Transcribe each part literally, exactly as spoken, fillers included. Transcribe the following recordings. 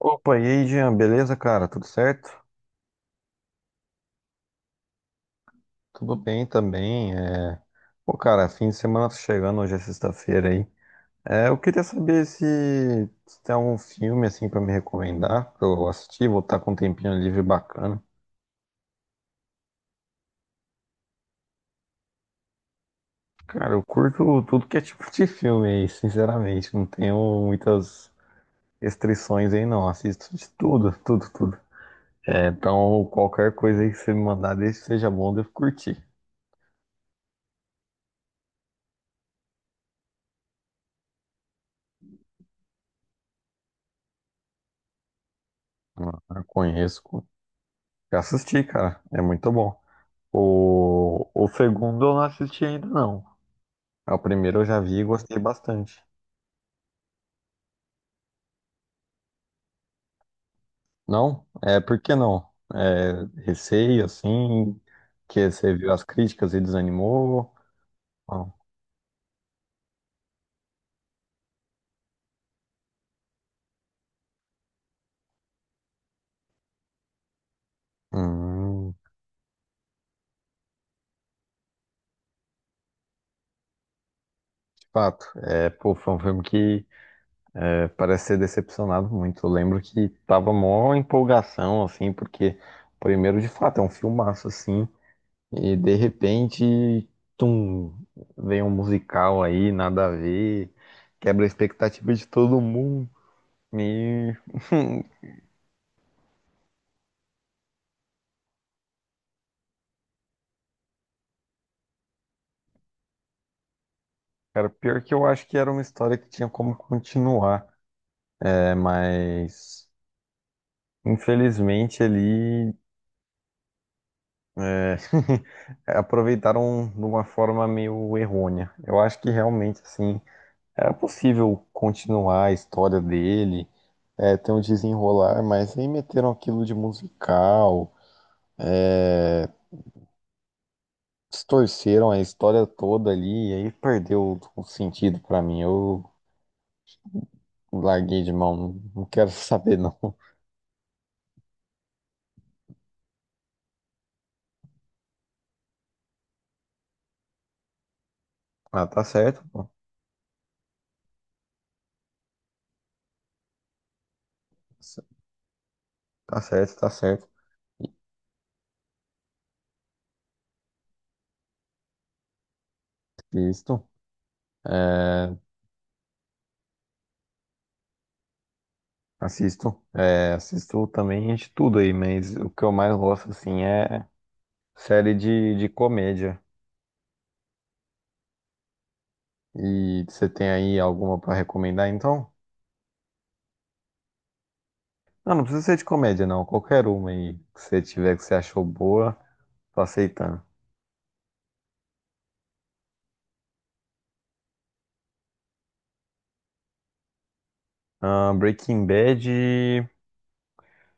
Opa, e aí, Jean, beleza, cara? Tudo certo? Tudo bem também. É... Pô, cara, fim de semana tá chegando, hoje é sexta-feira aí. É, eu queria saber se, se tem algum filme assim pra me recomendar, pra eu assistir, vou estar com um tempinho livre bacana. Cara, eu curto tudo que é tipo de filme aí, sinceramente. Não tenho muitas restrições aí, não. Assisto de tudo, tudo, tudo. É, então, qualquer coisa aí que você me mandar, desde que seja bom, eu devo curtir. Ah, conheço, já assisti, cara. É muito bom. O, o segundo eu não assisti ainda, não. É. O primeiro eu já vi e gostei bastante. Não? É, por que não? É, receio, assim, que você viu as críticas e desanimou? Não. Hum, de fato. É, pô, foi um filme que é, parece ser decepcionado muito. Eu lembro que tava mó empolgação, assim, porque primeiro, de fato, é um filmaço, assim. E de repente, tum, vem um musical aí, nada a ver, quebra a expectativa de todo mundo. E, hum, cara, pior que eu acho que era uma história que tinha como continuar, né? Mas infelizmente ali é, aproveitaram de uma forma meio errônea. Eu acho que realmente assim era possível continuar a história dele, é, ter um desenrolar, mas aí meteram aquilo de musical. Distorceram a história toda ali, e aí perdeu o sentido pra mim. Eu larguei de mão, não não quero saber não. Ah, tá certo, pô. Tá certo, tá certo. Assisto, é, assisto, é, assisto também de tudo aí, mas o que eu mais gosto, assim, é série de, de comédia. E você tem aí alguma pra recomendar, então? Não, não precisa ser de comédia, não. Qualquer uma aí que você tiver que você achou boa, tô aceitando. Ah, Breaking Bad.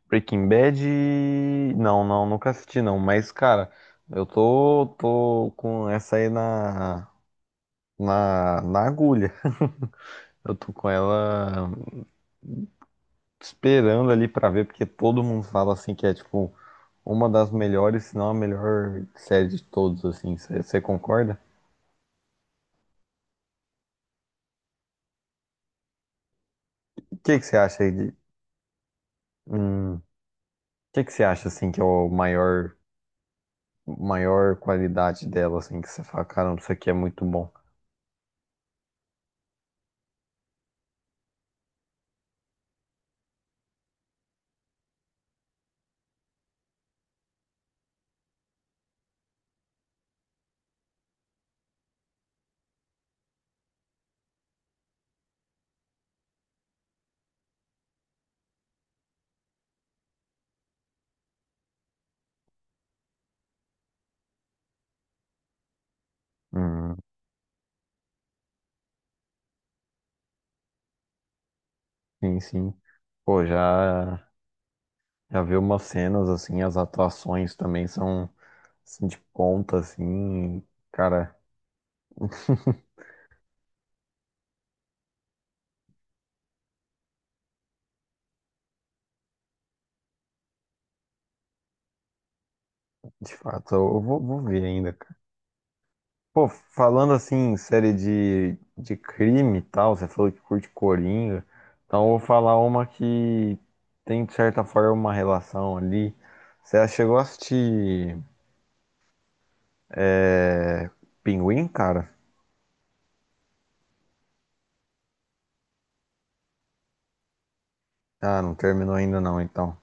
Breaking Bad. Não, não, nunca assisti não. Mas, cara, eu tô, tô com essa aí na, na, na agulha. Eu tô com ela esperando ali pra ver, porque todo mundo fala assim que é tipo uma das melhores, se não a melhor série de todos, assim. Você concorda? O que que você acha aí de. Hum, o que que você acha assim que é o maior, maior qualidade dela, assim, que você fala, caramba, isso aqui é muito bom. Hum, sim, sim. Pô, já. Já vi umas cenas assim, as atuações também são assim, de ponta, assim, cara, de fato, eu vou, vou ver ainda, cara. Pô, falando assim, em série de, de crime e tal, você falou que curte Coringa, então eu vou falar uma que tem, de certa forma, uma relação ali. Você já chegou a assistir é, Pinguim, cara? Ah, não terminou ainda não, então.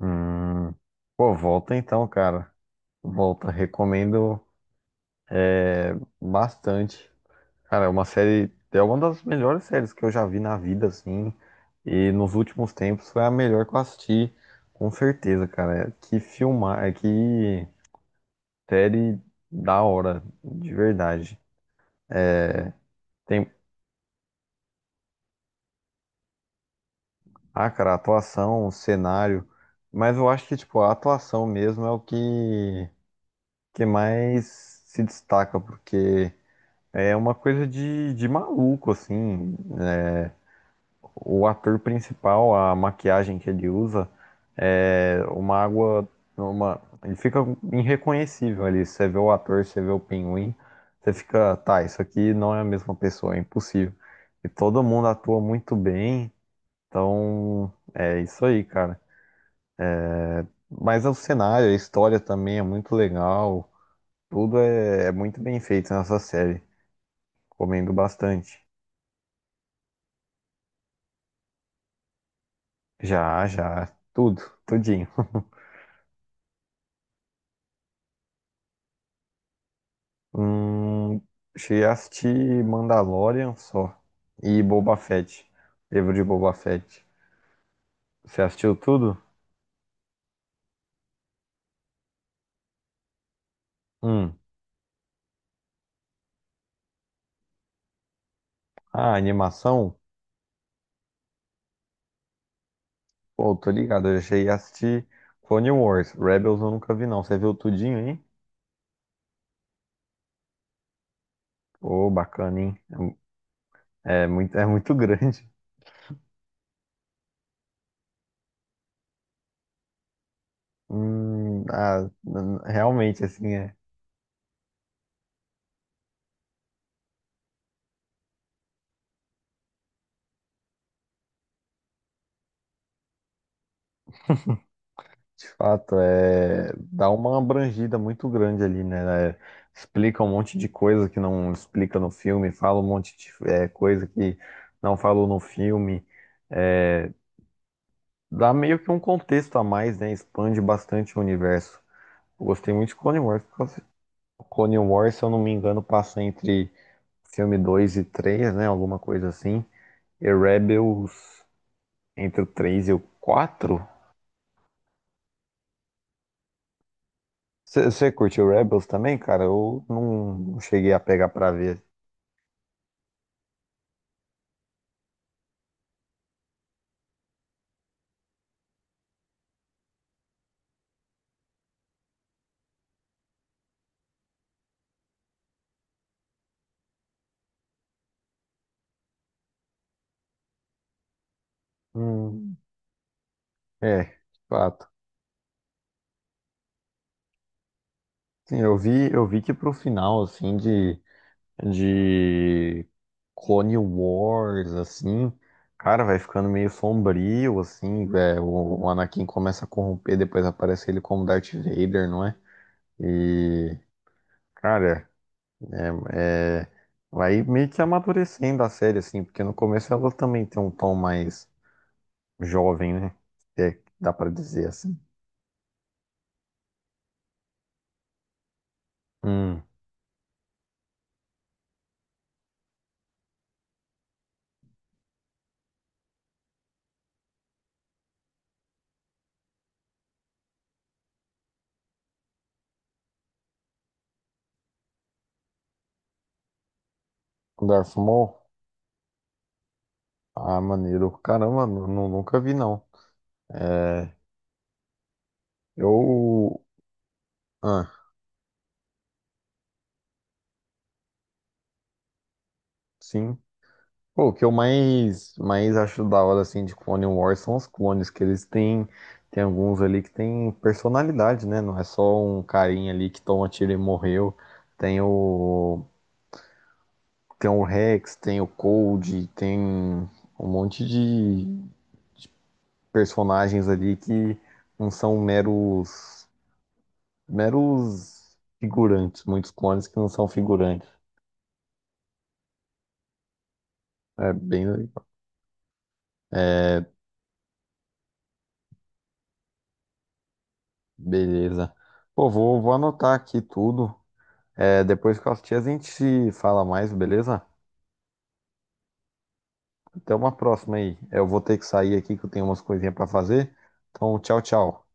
Hum, pô, volta então, cara. Volta, recomendo bastante. Cara, é uma série, é uma das melhores séries que eu já vi na vida, assim, e nos últimos tempos foi a melhor que eu assisti, com certeza, cara. É. Que filmar, é que série da hora, de verdade. Tem, ah, cara, a atuação, o cenário, mas eu acho que, tipo, a atuação mesmo é o que, que mais se destaca, porque é uma coisa de, de maluco, assim. O ator principal, a maquiagem que ele usa é uma água, uma, ele fica irreconhecível ali. Você vê o ator, você vê o pinguim, você fica, tá, isso aqui não é a mesma pessoa, é impossível. E todo mundo atua muito bem, então é isso aí, cara. Mas o cenário, a história também é muito legal, tudo é, é muito bem feito nessa série. Comendo bastante. Já, já, tudo, tudinho. Hum, cheguei a assistir Mandalorian só. E Boba Fett. Livro de Boba Fett. Você assistiu tudo? Hum. Ah, animação? Pô, tô ligado. Eu cheguei a assistir Clone Wars. Rebels eu nunca vi, não. Você viu tudinho, hein? Pô, bacana, hein? É, é muito, é muito grande. Hum, ah, n- n- realmente, assim, é. De fato, é, dá uma abrangida muito grande ali, né? É, explica um monte de coisa que não explica no filme, fala um monte de é, coisa que não falou no filme. É, dá meio que um contexto a mais, né? Expande bastante o universo. Eu gostei muito de Clone Wars, porque Clone Wars, se eu não me engano, passa entre filme dois e três, né? Alguma coisa assim. E Rebels entre o três e o quatro. Você curtiu Rebels também, cara? Eu não, não cheguei a pegar pra ver. Hum, é, de fato. Sim, eu vi, eu vi que pro final, assim, de, de Clone Wars, assim, cara, vai ficando meio sombrio, assim, é, o, o Anakin começa a corromper, depois aparece ele como Darth Vader, não é? E, cara, é, vai meio que amadurecendo a série, assim, porque no começo ela também tem um tom mais jovem, né? Se é que dá pra dizer assim. Hum. Darth Maul? Ah, maneiro. Caramba, nu- nu- nunca vi, não. É, eu... Ah, sim. Pô, o que eu mais, mais acho da hora, assim, de Clone Wars são os clones, que eles têm... Tem alguns ali que têm personalidade, né? Não é só um carinha ali que toma tiro e morreu. Tem o... Tem o Rex, tem o Cold, tem um monte de personagens ali que não são meros, meros figurantes, muitos clones que não são figurantes. É bem legal. Beleza. Pô, vou, vou anotar aqui tudo. É, depois que eu assistir, a gente se fala mais, beleza? Até uma próxima aí. Eu vou ter que sair aqui que eu tenho umas coisinhas pra fazer. Então, tchau, tchau.